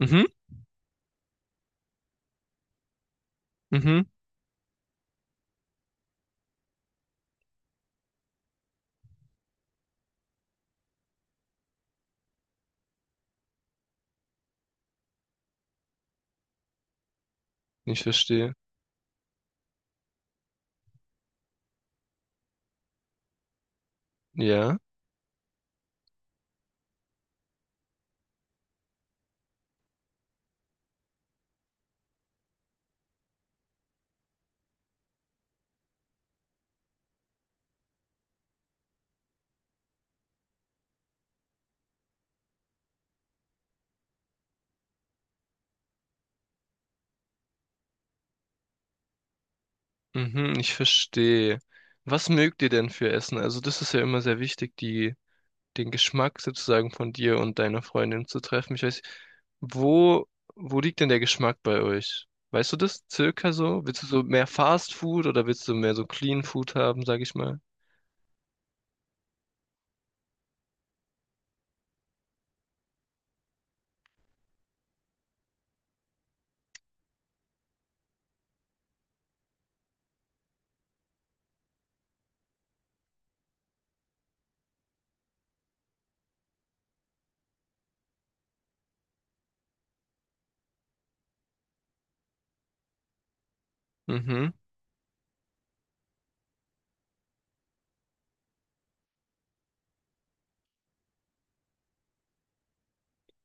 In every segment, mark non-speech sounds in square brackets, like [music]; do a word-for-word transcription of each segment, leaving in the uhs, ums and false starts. Mhm, mhm, ich verstehe. Ja, mhm, ich verstehe. Was mögt ihr denn für Essen? Also das ist ja immer sehr wichtig, die, den Geschmack sozusagen von dir und deiner Freundin zu treffen. Ich weiß, wo, wo liegt denn der Geschmack bei euch? Weißt du das circa so? Willst du so mehr Fast Food oder willst du mehr so Clean Food haben, sag ich mal? Mhm,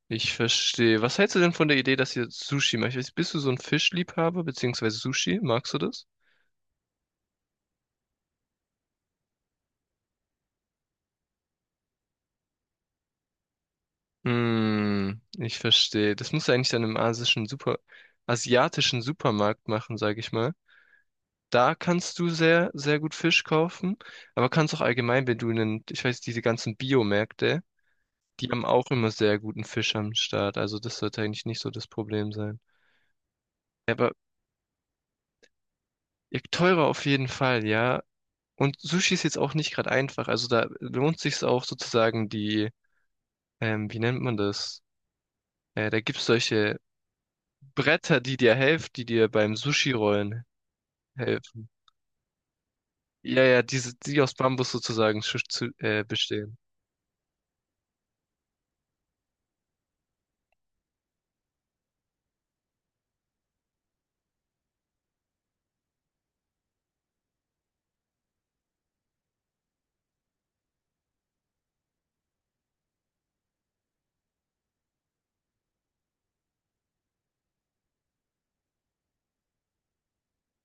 ich verstehe. Was hältst du denn von der Idee, dass ihr Sushi macht? Ich weiß, bist du so ein Fischliebhaber beziehungsweise Sushi? Magst du das? Hm, ich verstehe. Das musst du eigentlich dann im asischen Super, asiatischen Supermarkt machen, sage ich mal. Da kannst du sehr, sehr gut Fisch kaufen, aber kannst auch allgemein, wenn du einen, ich weiß, diese ganzen Biomärkte, die haben auch immer sehr guten Fisch am Start. Also das sollte eigentlich nicht so das Problem sein. Ja, aber ja, teurer auf jeden Fall, ja. Und Sushi ist jetzt auch nicht gerade einfach. Also da lohnt sich's auch sozusagen die, ähm, wie nennt man das? Äh, da gibt's solche Bretter, die dir helfen, die dir beim Sushi rollen helfen. Ja, ja, diese, die aus Bambus sozusagen zu, zu, äh, bestehen.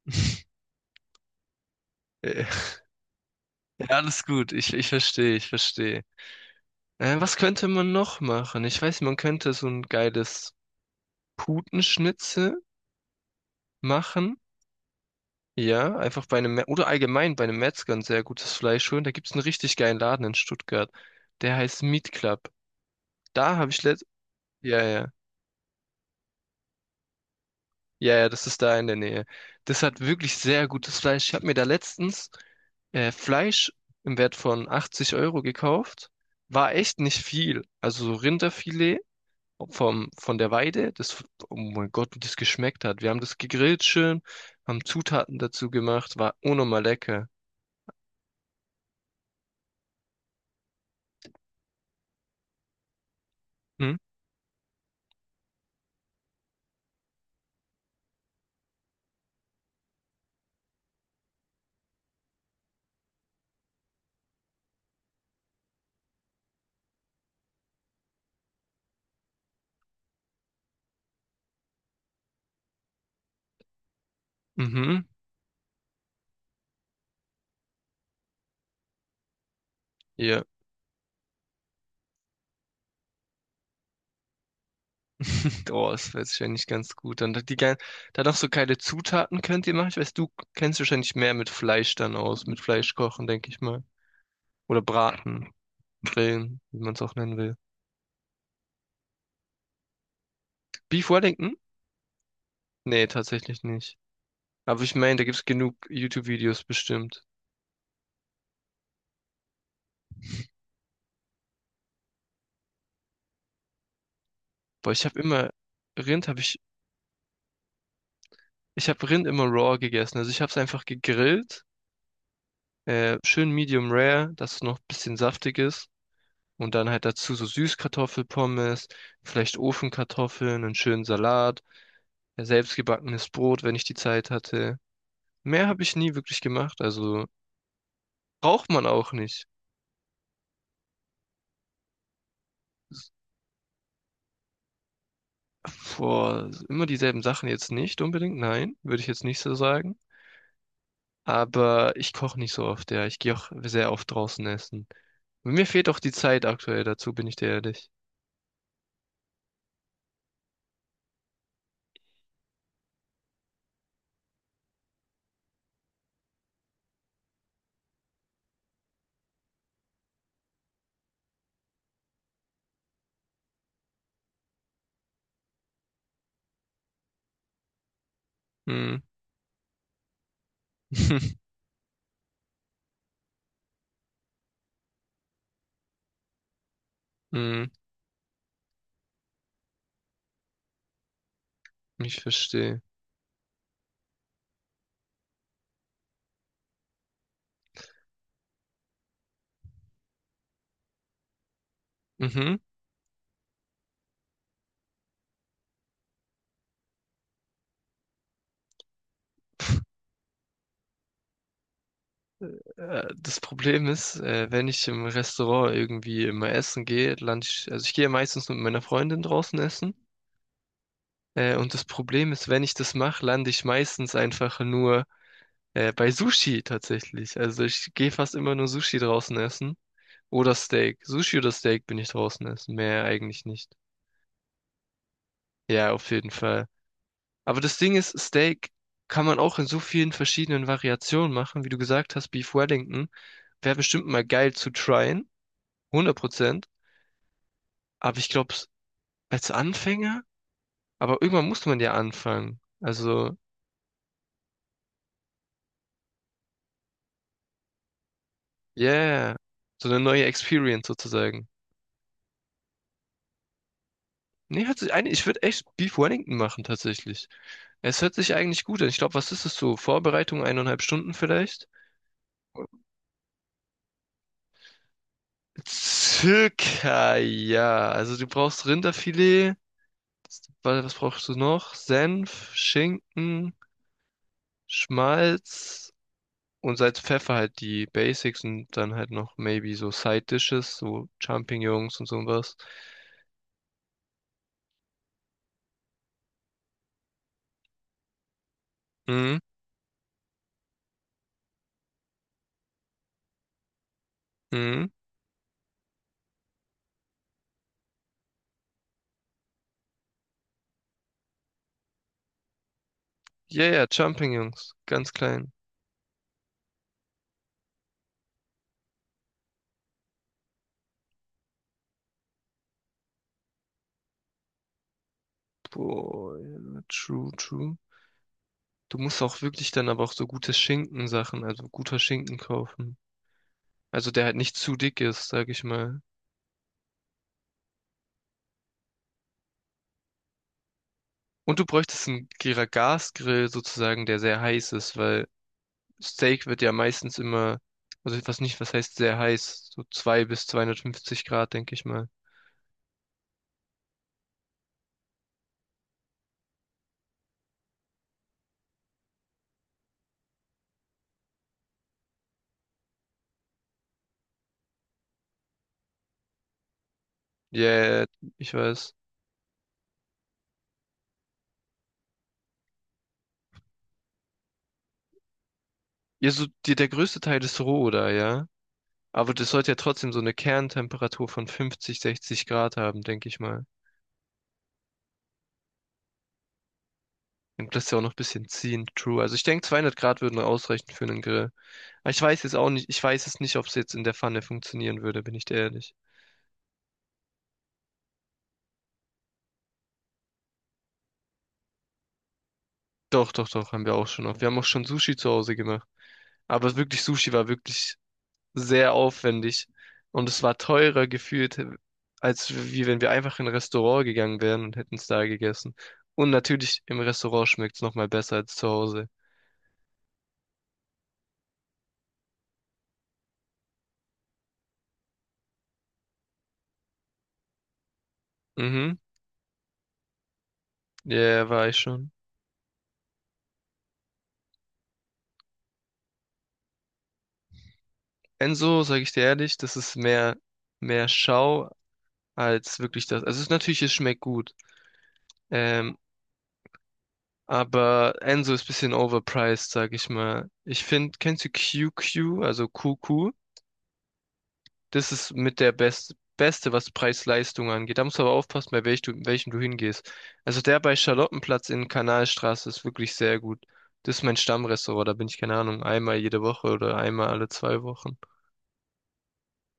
[laughs] Äh, Ja, Alles gut, ich, ich verstehe, ich verstehe. Äh, was könnte man noch machen? Ich weiß, man könnte so ein geiles Putenschnitzel machen. Ja, einfach bei einem, Me- oder allgemein bei einem Metzger ein sehr gutes Fleisch holen. Da gibt es einen richtig geilen Laden in Stuttgart. Der heißt Meat Club. Da habe ich letzt, ja, ja. Ja, ja, das ist da in der Nähe. Das hat wirklich sehr gutes Fleisch. Ich habe mir da letztens äh, Fleisch im Wert von achtzig Euro gekauft. War echt nicht viel. Also so Rinderfilet vom, von der Weide. Das, oh mein Gott, wie das geschmeckt hat. Wir haben das gegrillt schön, haben Zutaten dazu gemacht. War unnormal lecker. Hm? Mhm. Ja. [laughs] Oh, das weiß ich ja nicht ganz gut. Dann die, gan- dann noch so geile Zutaten könnt ihr machen. Ich weiß, du kennst dich wahrscheinlich mehr mit Fleisch dann aus, mit Fleisch kochen, denke ich. Oder braten, grillen, wie man es auch nennen will. Beef Wellington? Nee, tatsächlich nicht. Aber ich meine, da gibt's genug YouTube-Videos bestimmt. Boah, ich habe immer Rind habe ich ich habe Rind immer raw gegessen. Also ich habe es einfach gegrillt, äh, schön medium rare, dass es noch ein bisschen saftig ist und dann halt dazu so Süßkartoffelpommes, vielleicht Ofenkartoffeln, einen schönen Salat, äh, selbstgebackenes Brot, wenn ich die Zeit hatte. Mehr habe ich nie wirklich gemacht, also braucht man auch nicht. Vor immer dieselben Sachen jetzt nicht unbedingt, nein, würde ich jetzt nicht so sagen. Aber ich koche nicht so oft, ja. Ich gehe auch sehr oft draußen essen. Mir fehlt auch die Zeit aktuell dazu, bin ich dir ehrlich. Hm. [laughs] Hm, ich verstehe. Mhm. Äh, Das Problem ist, äh, wenn ich im Restaurant irgendwie immer essen gehe, lande ich, also ich gehe meistens mit meiner Freundin draußen essen. Äh, und das Problem ist, wenn ich das mache, lande ich meistens einfach nur Äh, bei Sushi tatsächlich. Also ich gehe fast immer nur Sushi draußen essen. Oder Steak. Sushi oder Steak bin ich draußen essen. Mehr eigentlich nicht. Ja, auf jeden Fall. Aber das Ding ist, Steak kann man auch in so vielen verschiedenen Variationen machen. Wie du gesagt hast, Beef Wellington wäre bestimmt mal geil zu tryen. Hundert Prozent. Aber ich glaube, als Anfänger, aber irgendwann muss man ja anfangen. Also, yeah. So eine neue Experience sozusagen. Nee, hört sich eigentlich, ich würde echt Beef Wellington machen tatsächlich. Es hört sich eigentlich gut an. Ich glaube, was ist es so? Vorbereitung eineinhalb Stunden vielleicht? Circa, ja. Also du brauchst Rinderfilet. Was was brauchst du noch? Senf, Schinken, Schmalz und Salz, Pfeffer halt die Basics und dann halt noch maybe so Side Dishes, so Champignons und sowas. Mhm. Mhm. Ja, ja, Champignons. Ganz klein. Boah, ja, true, true. Du musst auch wirklich dann aber auch so gute Schinkensachen, also guter Schinken kaufen. Also der halt nicht zu dick ist, sag ich mal. Und du bräuchtest einen Gra- Gasgrill sozusagen, der sehr heiß ist, weil Steak wird ja meistens immer, also was nicht, was heißt sehr heiß, so zwei bis zweihundertfünfzig Grad, denke ich mal. Ja, yeah, ich weiß. Ja, so die, der größte Teil ist roh da, ja. Aber das sollte ja trotzdem so eine Kerntemperatur von fünfzig, sechzig Grad haben, denke ich mal. Dann lässt ja auch noch ein bisschen ziehen. True. Also ich denke, zweihundert Grad würden ausreichen für einen Grill. Aber ich weiß jetzt auch nicht, ich weiß es nicht, ob es jetzt in der Pfanne funktionieren würde, bin ich dir ehrlich. Doch, doch, doch, haben wir auch schon auf. Wir haben auch schon Sushi zu Hause gemacht. Aber wirklich, Sushi war wirklich sehr aufwendig. Und es war teurer gefühlt, als wie wenn wir einfach in ein Restaurant gegangen wären und hätten es da gegessen. Und natürlich, im Restaurant schmeckt es nochmal besser als zu Hause. Mhm, ja, war ich schon. Enso, sage ich dir ehrlich, das ist mehr, mehr Schau als wirklich das. Also es ist natürlich, es schmeckt gut. Ähm, aber Enzo ist ein bisschen overpriced, sag ich mal. Ich finde, kennst du Q Q, also Q Q? Das ist mit der best, Beste, was Preis-Leistung angeht. Da musst du aber aufpassen, bei welch du, welchem du hingehst. Also der bei Charlottenplatz in Kanalstraße ist wirklich sehr gut. Das ist mein Stammrestaurant, da bin ich, keine Ahnung, einmal jede Woche oder einmal alle zwei Wochen.